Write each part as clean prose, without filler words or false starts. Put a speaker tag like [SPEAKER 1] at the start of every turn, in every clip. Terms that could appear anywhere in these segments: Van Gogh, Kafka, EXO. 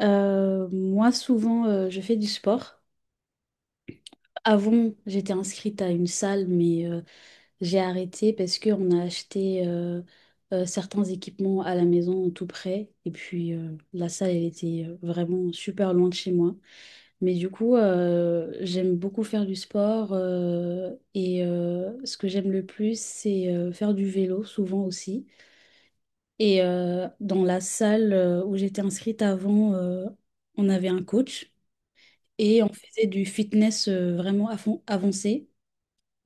[SPEAKER 1] Moi, souvent, je fais du sport. Avant, j'étais inscrite à une salle, mais j'ai arrêté parce qu'on a acheté certains équipements à la maison tout près. Et puis, la salle, elle était vraiment super loin de chez moi. Mais du coup, j'aime beaucoup faire du sport. Et ce que j'aime le plus, c'est faire du vélo, souvent aussi. Et dans la salle où j'étais inscrite avant, on avait un coach. Et on faisait du fitness vraiment avancé.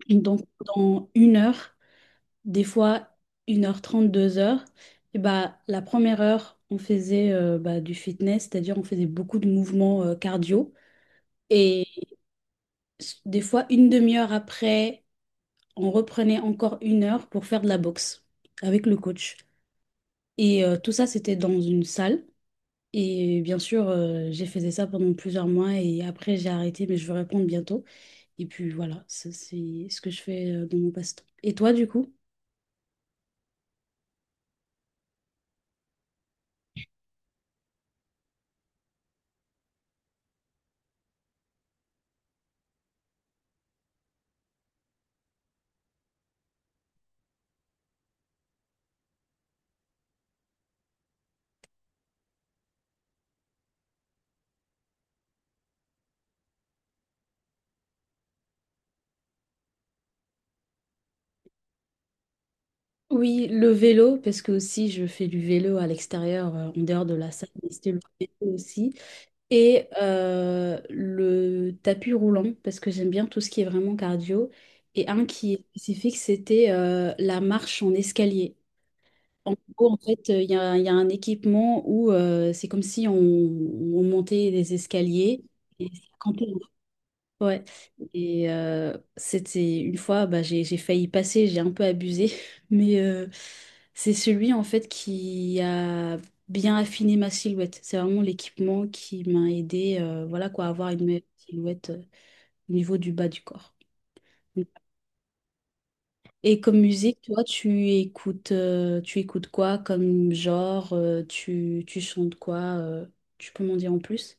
[SPEAKER 1] Donc, dans 1 heure, des fois 1h30, 2 heures. Et bah, la 1re heure, on faisait du fitness, c'est-à-dire on faisait beaucoup de mouvements cardio. Et des fois, une demi-heure après, on reprenait encore 1 heure pour faire de la boxe avec le coach. Et tout ça, c'était dans une salle. Et bien sûr, j'ai fait ça pendant plusieurs mois et après, j'ai arrêté, mais je vais répondre bientôt. Et puis voilà, ça c'est ce que je fais dans mon passe-temps. Et toi, du coup? Oui, le vélo, parce que aussi je fais du vélo à l'extérieur, en dehors de la salle, mais c'était le vélo aussi. Et le tapis roulant, parce que j'aime bien tout ce qui est vraiment cardio. Et un qui est spécifique, c'était la marche en escalier. En gros, en fait, il y a un équipement où c'est comme si on montait des escaliers. Et quand Ouais. Et c'était une fois, bah, j'ai failli passer, j'ai un peu abusé, mais c'est celui en fait qui a bien affiné ma silhouette. C'est vraiment l'équipement qui m'a aidé, voilà quoi, à avoir une meilleure silhouette au niveau du bas du corps. Et comme musique, toi, tu écoutes quoi comme genre? Tu chantes quoi? Tu peux m'en dire en plus?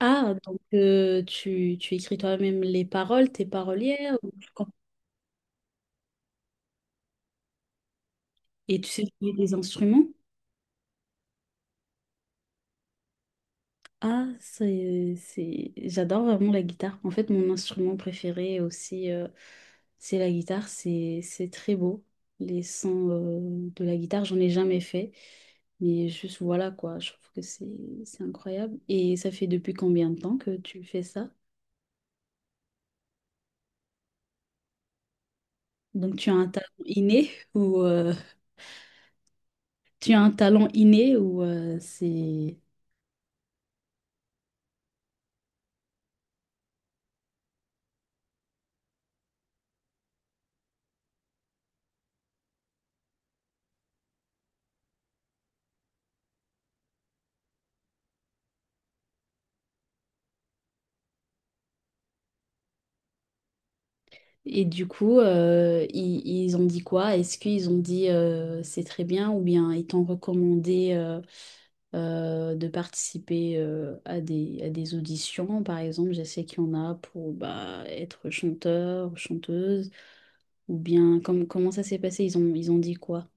[SPEAKER 1] Ah, donc tu écris toi-même les paroles, t'es parolière, ou tu... Et tu sais jouer des instruments? Ah, J'adore vraiment la guitare. En fait, mon instrument préféré aussi, c'est la guitare. C'est très beau. Les sons, de la guitare, j'en ai jamais fait. Mais juste voilà quoi, je trouve que c'est incroyable. Et ça fait depuis combien de temps que tu fais ça? Donc tu as un talent inné, ou tu as un talent inné, ou c'est... Et du coup, ils ont dit quoi? Est-ce qu'ils ont dit c'est très bien, ou bien ils t'ont recommandé de participer à des auditions? Par exemple, je sais qu'il y en a pour bah, être chanteur ou chanteuse, ou bien comment ça s'est passé? Ils ont dit quoi?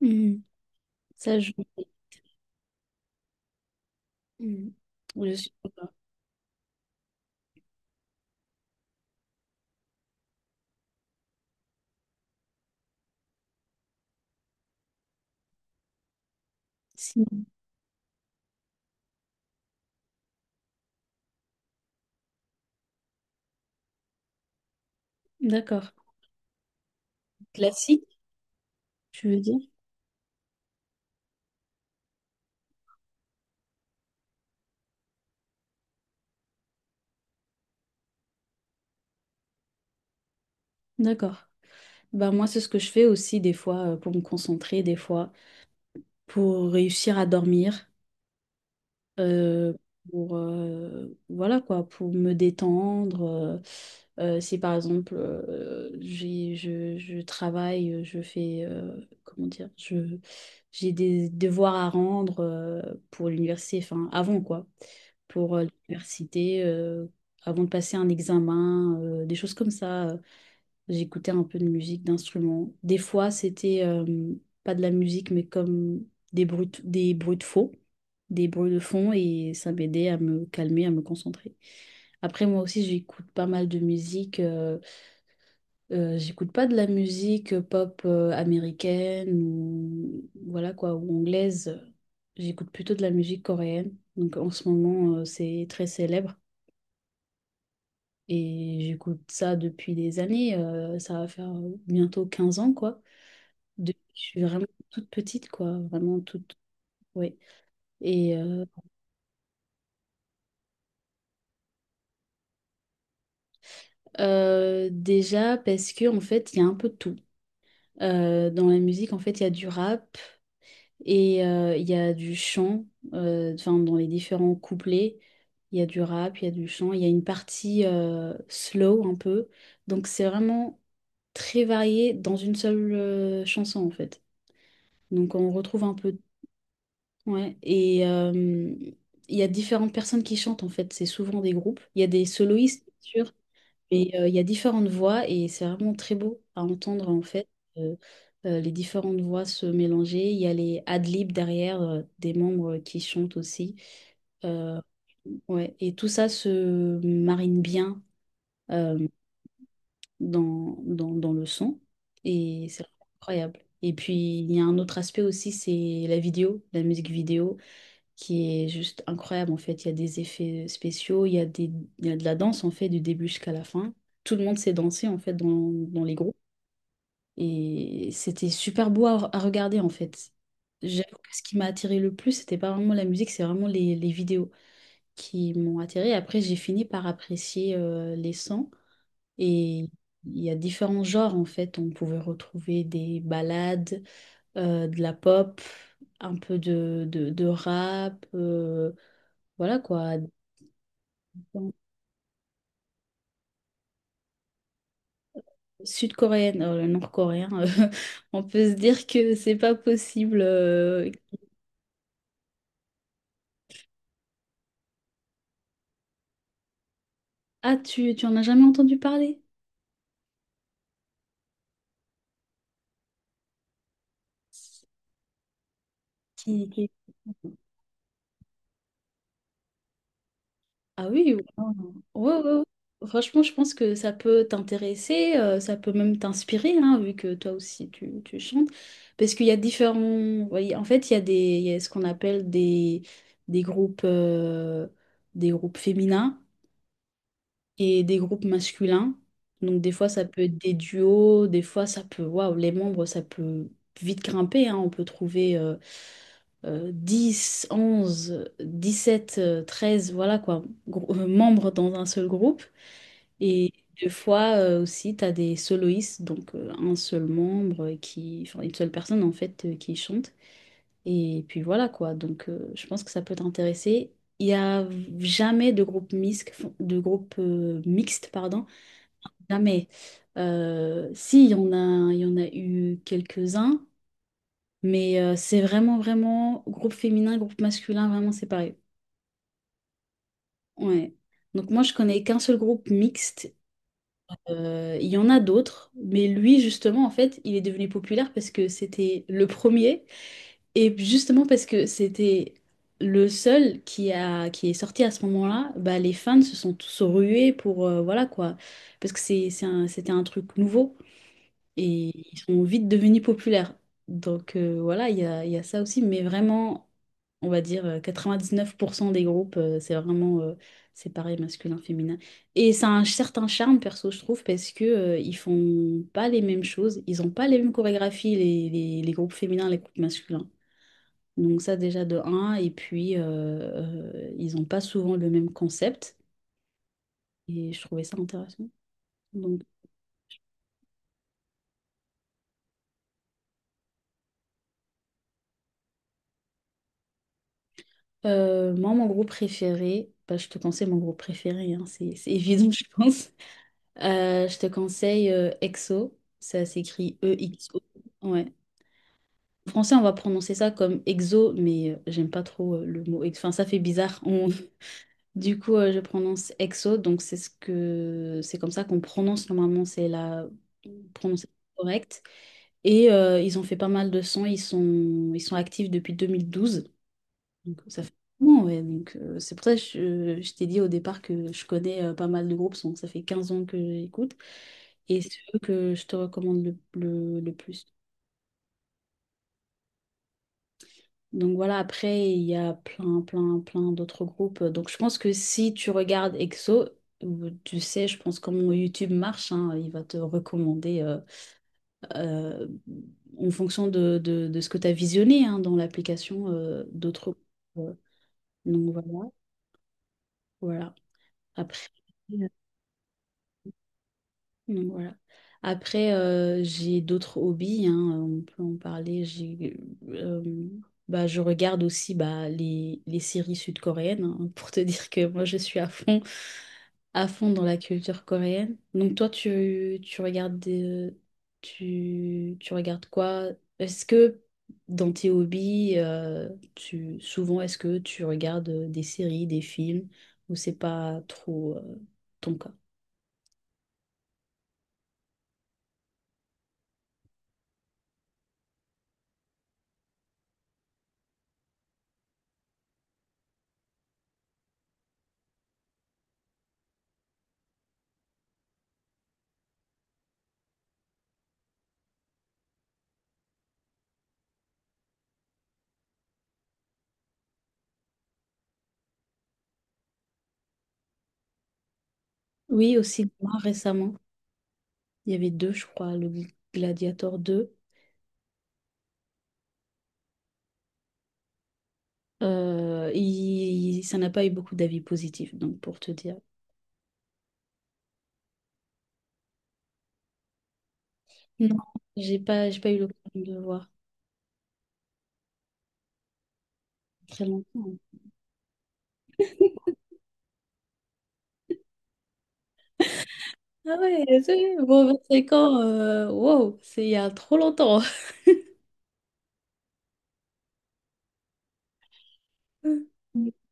[SPEAKER 1] Mhm. Ça, je... Mhm. Je sais pas. Si. D'accord. Classique, tu veux dire? D'accord. Bah moi, c'est ce que je fais aussi des fois, pour me concentrer, des fois. Pour réussir à dormir, euh, pour voilà quoi, pour me détendre. Si par exemple je travaille, je fais, comment dire, je j'ai des devoirs à rendre, pour l'université, enfin avant quoi, pour l'université, avant de passer un examen, des choses comme ça. J'écoutais un peu de musique, d'instruments. Des fois, c'était pas de la musique, mais comme des bruits, des bruits de faux, des bruits de fond, et ça m'aidait à me calmer, à me concentrer. Après, moi aussi, j'écoute pas mal de musique. J'écoute pas de la musique pop américaine ou voilà quoi, ou anglaise. J'écoute plutôt de la musique coréenne. Donc en ce moment, c'est très célèbre. Et j'écoute ça depuis des années. Ça va faire bientôt 15 ans, quoi. Depuis que je suis vraiment toute petite, quoi, vraiment toute, ouais. Et déjà parce que en fait, il y a un peu de tout. Dans la musique, en fait, il y a du rap et il y a du chant. Enfin, dans les différents couplets, il y a du rap, il y a du chant, il y a une partie slow un peu. Donc, c'est vraiment très varié dans une seule chanson, en fait. Donc, on retrouve un peu Ouais, et il y a différentes personnes qui chantent en fait, c'est souvent des groupes. Il y a des soloistes, bien sûr, mais il y a différentes voix et c'est vraiment très beau à entendre en fait. euh, les différentes voix se mélanger. Il y a les ad-libs derrière, des membres qui chantent aussi. Euh, ouais, et tout ça se marine bien, euh, dans le son, et c'est incroyable. Et puis il y a un autre aspect aussi, c'est la vidéo, la musique vidéo qui est juste incroyable en fait. Il y a des effets spéciaux, il y a de la danse en fait du début jusqu'à la fin. Tout le monde s'est dansé en fait dans les groupes et c'était super beau à regarder en fait. J'avoue que ce qui m'a attiré le plus, c'était pas vraiment la musique, c'est vraiment les vidéos qui m'ont attiré. Après, j'ai fini par apprécier les sons. Et il y a différents genres en fait. On pouvait retrouver des ballades, de la pop, un peu de rap. Voilà quoi. Sud-coréenne, nord-coréen, on peut se dire que c'est pas possible. Ah, tu en as jamais entendu parler? Qui- qui- Ah oui, oui. Ouais, ouais, ouais. Franchement, je pense que ça peut t'intéresser, ça peut même t'inspirer, hein, vu que toi aussi tu chantes. Parce qu'il y a différents. Voyez, en fait, il y a ce qu'on appelle des groupes, euh, des groupes féminins, et des groupes masculins. Donc des fois ça peut être des duos, des fois ça peut, waouh, les membres, ça peut vite grimper, hein. On peut trouver 10, 11, 17, 13, voilà quoi, membres dans un seul groupe. Et des fois aussi tu as des soloistes, donc un seul membre qui, enfin une seule personne en fait, qui chante. Et puis voilà quoi, donc je pense que ça peut t'intéresser. Il n'y a jamais de groupe mixte, de groupe mixte, pardon, jamais. Si, il y en a eu quelques-uns, mais c'est vraiment, vraiment groupe féminin, groupe masculin, vraiment séparé. Ouais. Donc moi, je connais qu'un seul groupe mixte. Il y en a d'autres, mais lui, justement, en fait, il est devenu populaire parce que c'était le premier. Et justement parce que c'était le seul qui est sorti à ce moment-là, bah les fans se sont tous rués pour voilà quoi, parce que c'était un truc nouveau et ils sont vite devenus populaires. Donc voilà, il y a ça aussi, mais vraiment, on va dire 99% des groupes, c'est vraiment séparé masculin, féminin. Et ça a un certain charme, perso, je trouve, parce que ils font pas les mêmes choses, ils ont pas les mêmes chorégraphies, les groupes féminins, les groupes masculins. Donc ça déjà de un, et puis ils ont pas souvent le même concept, et je trouvais ça intéressant. Moi, mon groupe préféré, bah, je te conseille mon groupe préféré, hein, c'est évident, je pense. Je te conseille EXO, ça s'écrit EXO. Ouais. En français, on va prononcer ça comme EXO, mais j'aime pas trop le mot EXO. Enfin, ça fait bizarre. Du coup, je prononce EXO, donc c'est ce que c'est comme ça qu'on prononce normalement, c'est la prononciation correcte. Et ils ont fait pas mal de sons, ils sont actifs depuis 2012. Donc, ça fait un moment, ouais. Donc, c'est pour ça que je t'ai dit au départ que je connais pas mal de groupes. Donc ça fait 15 ans que j'écoute. Et c'est eux que je te recommande le plus. Donc voilà, après, il y a plein, plein, plein d'autres groupes. Donc je pense que si tu regardes EXO, tu sais, je pense comment YouTube marche, hein, il va te recommander euh, en fonction de ce que tu as visionné, hein, dans l'application, d'autres groupes. Donc voilà, voilà. Après. Donc voilà. Après, j'ai d'autres hobbies, hein, on peut en parler. Euh, je regarde aussi bah, les séries sud-coréennes, hein, pour te dire que moi, je suis à fond dans la culture coréenne. Donc toi, tu regardes quoi? Est-ce que dans tes hobbies, est-ce que tu regardes des séries, des films, ou c'est pas trop, ton cas? Oui, aussi, moi, récemment. Il y avait deux, je crois, le Gladiator 2. Ça n'a pas eu beaucoup d'avis positifs, donc pour te dire. Non, j'ai pas eu l'occasion de le voir. Très longtemps. Ah ouais, c'est bon, 25 ans, wow, c'est il y a trop longtemps.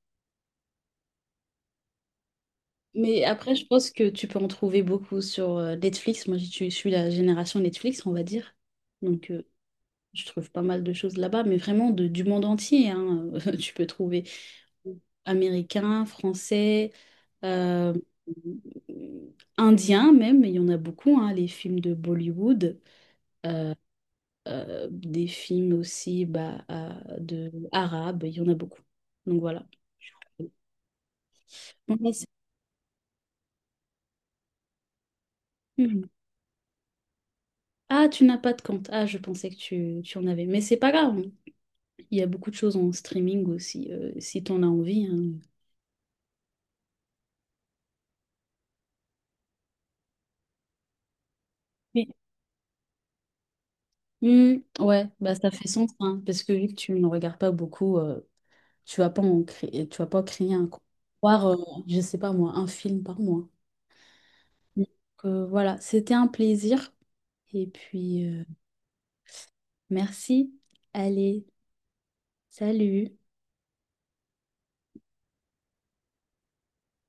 [SPEAKER 1] Mais après, je pense que tu peux en trouver beaucoup sur Netflix. Moi, je suis la génération Netflix, on va dire. Donc, je trouve pas mal de choses là-bas, mais vraiment du monde entier, hein, tu peux trouver. Américains, français, euh, indiens même, il y en a beaucoup, hein, les films de Bollywood, des films aussi bah, de arabes, il y en a beaucoup. Donc voilà. Bon, mais c'est- Mhm. Ah, tu n'as pas de compte. Ah, je pensais que tu en avais. Mais c'est pas grave, hein. Il y a beaucoup de choses en streaming aussi, si tu en as envie, hein. Oui. Hmm, ouais, bah ça fait sens, hein, parce que vu que tu ne regardes pas beaucoup, tu vas pas en créer, tu vas pas créer un compte, voir, je sais pas moi, 1 film par mois. Donc voilà, c'était un plaisir. Et puis, merci. Allez, salut.